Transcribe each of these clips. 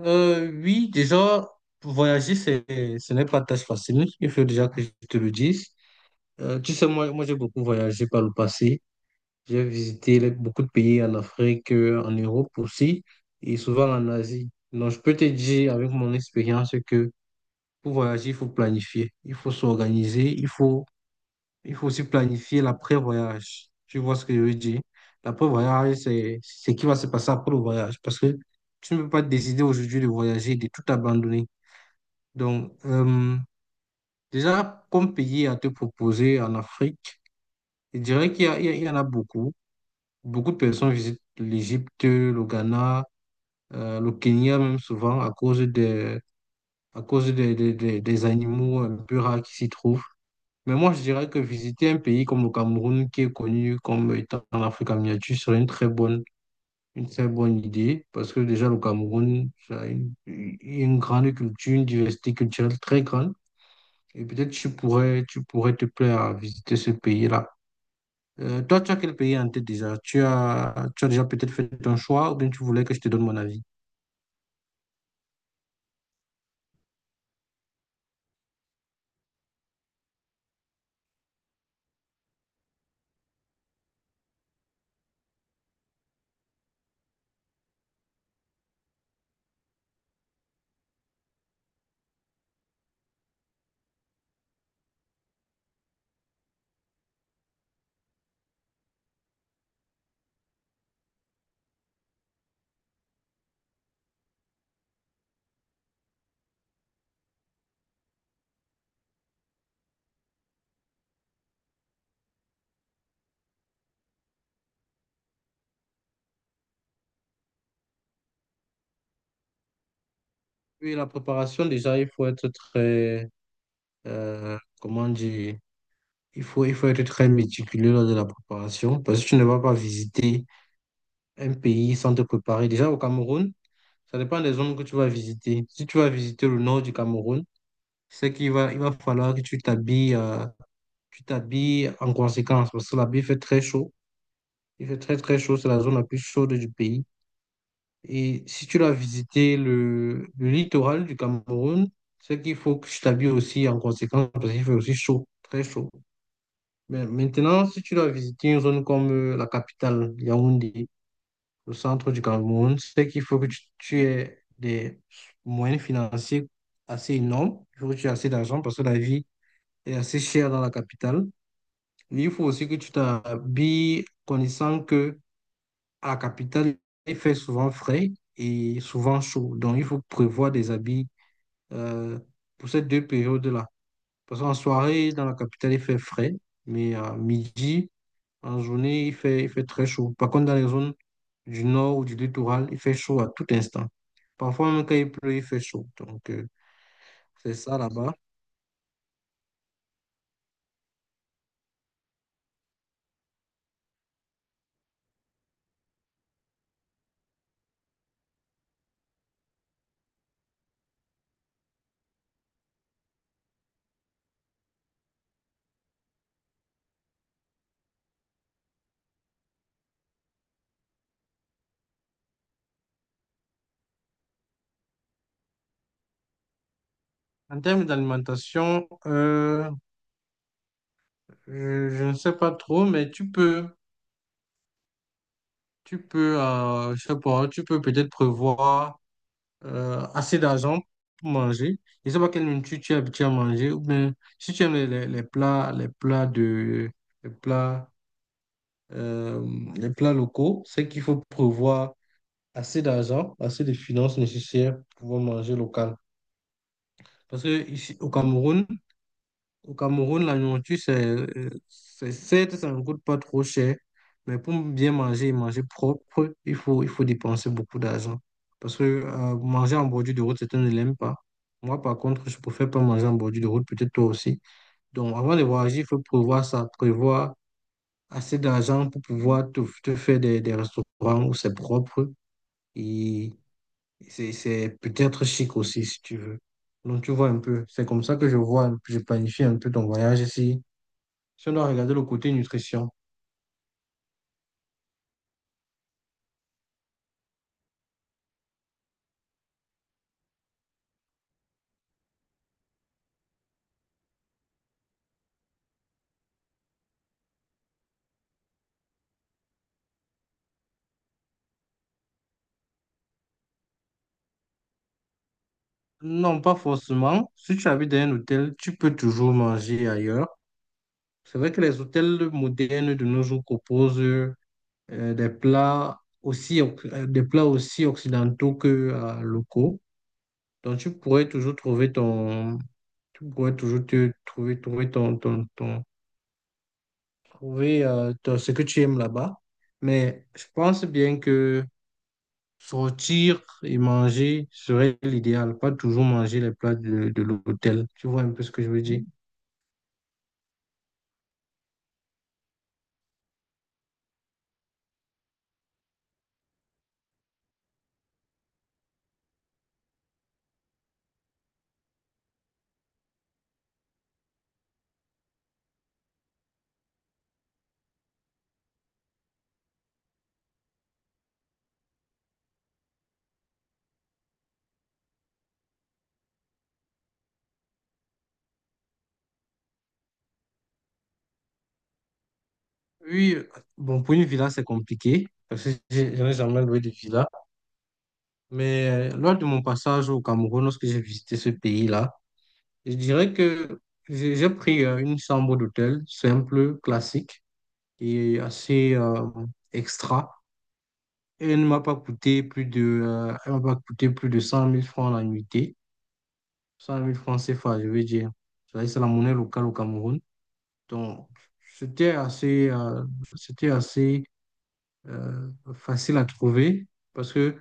Oui, déjà, voyager, c'est, ce n'est pas tâche facile. Il faut déjà que je te le dise. Tu sais, moi j'ai beaucoup voyagé par le passé. J'ai visité beaucoup de pays en Afrique, en Europe aussi, et souvent en Asie. Donc, je peux te dire avec mon expérience que pour voyager, il faut planifier, il faut s'organiser, il faut aussi planifier l'après-voyage. Tu vois ce que je veux dire? L'après-voyage, c'est ce qui va se passer après le voyage. Parce que tu ne peux pas décider aujourd'hui de voyager et de tout abandonner. Donc, déjà, comme pays à te proposer en Afrique, je dirais qu'il y a- il y a- il y en a beaucoup. Beaucoup de personnes visitent l'Égypte, le Ghana, le Kenya même souvent à cause des animaux un peu rares qui s'y trouvent. Mais moi, je dirais que visiter un pays comme le Cameroun, qui est connu comme étant en Afrique en miniature, serait une très bonne idée parce que déjà, le Cameroun, ça a une grande culture, une diversité culturelle très grande. Et tu pourrais te plaire à visiter ce pays-là. Toi, tu as quel pays en tête déjà? Tu as déjà peut-être fait ton choix ou bien tu voulais que je te donne mon avis? Oui, la préparation, déjà, il faut être très, comment dire, il faut être très méticuleux lors de la préparation parce que tu ne vas pas visiter un pays sans te préparer. Déjà, au Cameroun, ça dépend des zones que tu vas visiter. Si tu vas visiter le nord du Cameroun, c'est qu'il va falloir que tu t'habilles en conséquence parce que là-bas, il fait très chaud. Il fait très, très chaud. C'est la zone la plus chaude du pays. Et si tu vas visiter le littoral du Cameroun, c'est qu'il faut que tu t'habilles aussi en conséquence parce qu'il fait aussi chaud, très chaud. Mais maintenant, si tu dois visiter une zone comme la capitale, Yaoundé, au centre du Cameroun, c'est qu'il faut que tu aies des moyens financiers assez énormes, il faut que tu aies assez d'argent parce que la vie est assez chère dans la capitale. Mais il faut aussi que tu t'habilles connaissant que à la capitale, il fait souvent frais et souvent chaud. Donc, il faut prévoir des habits euh, pour ces deux périodes-là. Parce qu'en soirée, dans la capitale, il fait frais, mais à midi, en journée, il fait très chaud. Par contre, dans les zones du nord ou du littoral, il fait chaud à tout instant. Parfois, même quand il pleut, il fait chaud. Donc, c'est ça là-bas. En termes d'alimentation, je ne sais pas trop, mais tu peux, je sais pas, tu peux peut-être prévoir assez d'argent pour manger. Je ne sais pas quelle nourriture tu es habitué à manger, ou bien si tu aimes les plats, les plats, euh, les plats locaux, c'est qu'il faut prévoir assez d'argent, assez de finances nécessaires pour pouvoir manger local. Parce que ici, au Cameroun, la nourriture, certes, ça ne coûte pas trop cher, mais pour bien manger et manger propre, il faut dépenser beaucoup d'argent. Parce que manger en bordure de route, certains ne l'aiment pas. Moi, par contre, je préfère pas manger en bordure de route, peut-être toi aussi. Donc, avant de voyager, il faut prévoir ça, prévoir assez d'argent pour pouvoir te, te faire des restaurants où c'est propre. Et c'est c'est peut-être chic aussi, si tu veux. Donc, tu vois un peu. C'est comme ça que je planifie un peu ton voyage ici. Si on doit regarder le côté nutrition. Non, pas forcément. Si tu habites dans un hôtel, tu peux toujours manger ailleurs. C'est vrai que les hôtels modernes de nos jours proposent des plats aussi occidentaux que locaux. Donc, tu pourrais toujours trouver ce que tu aimes là-bas. Mais je pense bien que sortir et manger serait l'idéal, pas toujours manger les plats de l'hôtel. Tu vois un peu ce que je veux dire? Oui, bon, pour une villa, c'est compliqué, parce que je n'ai jamais loué de villa. Mais lors de mon passage au Cameroun, lorsque j'ai visité ce pays-là, je dirais que j'ai pris une chambre d'hôtel simple, classique, et assez extra. Elle ne m'a pas coûté elle m'a pas coûté plus de 100 000 francs la nuitée. 100 000 francs CFA, je veux dire. C'est la monnaie locale au Cameroun. Donc, c'était assez, euh, c'était assez facile à trouver parce que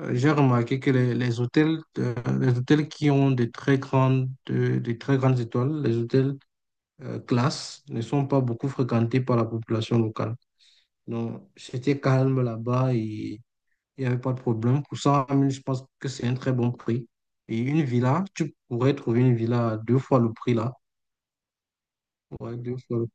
j'ai remarqué que les hôtels qui ont des très grandes, de- des très grandes étoiles, les hôtels classe, ne sont pas beaucoup fréquentés par la population locale. Non, c'était calme là-bas et il n'y avait pas de problème. Pour 100 000, je pense que c'est un très bon prix. Et une villa, tu pourrais trouver une villa à deux fois le prix là. Ouais, deux fois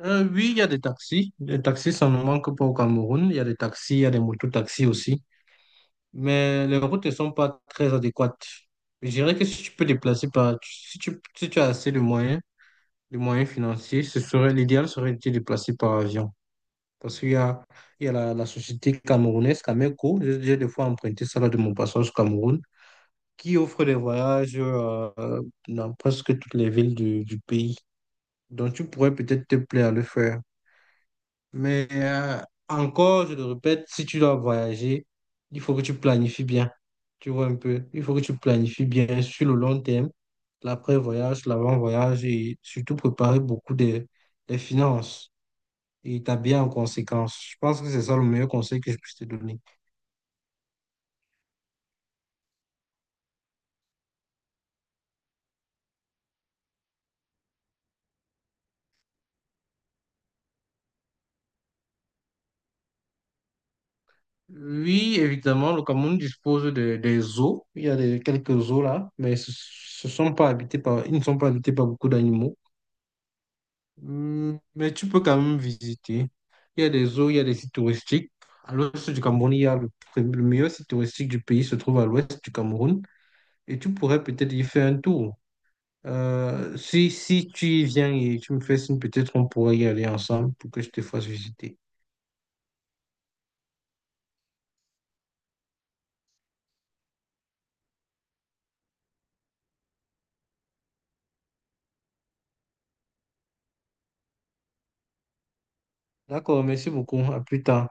Oui, il y a des taxis. Les taxis, ça ne manque pas au Cameroun. Il y a des taxis, il y a des mototaxis aussi. Mais les routes ne sont pas très adéquates. Je dirais que si tu peux déplacer par... si tu as assez de moyens financiers, ce serait l'idéal serait de te déplacer par avion. Parce il y a la société camerounaise Cameco, j'ai des fois emprunté ça là de mon passage au Cameroun, qui offre des voyages dans presque toutes les villes du pays. Donc tu pourrais peut-être te plaire à le faire. Mais encore, je le répète, si tu dois voyager, il faut que tu planifies bien. Tu vois un peu, il faut que tu planifies bien sur le long terme, l'après-voyage, l'avant-voyage et surtout préparer beaucoup des finances et t'habiller en conséquence. Je pense que c'est ça le meilleur conseil que je puisse te donner. Oui, évidemment, le Cameroun dispose des eaux. Il y a des, quelques eaux là, mais ce sont pas habités par, ils ne sont pas habités par beaucoup d'animaux. Hum. Mais tu peux quand même visiter. Il y a des eaux, il y a des sites touristiques. À l'ouest du Cameroun, il y a le meilleur site touristique du pays, se trouve à l'ouest du Cameroun. Et tu pourrais peut-être y faire un tour. Si tu y viens et tu me fais signe, peut-être on pourrait y aller ensemble pour que je te fasse visiter. D'accord, merci beaucoup. À plus tard.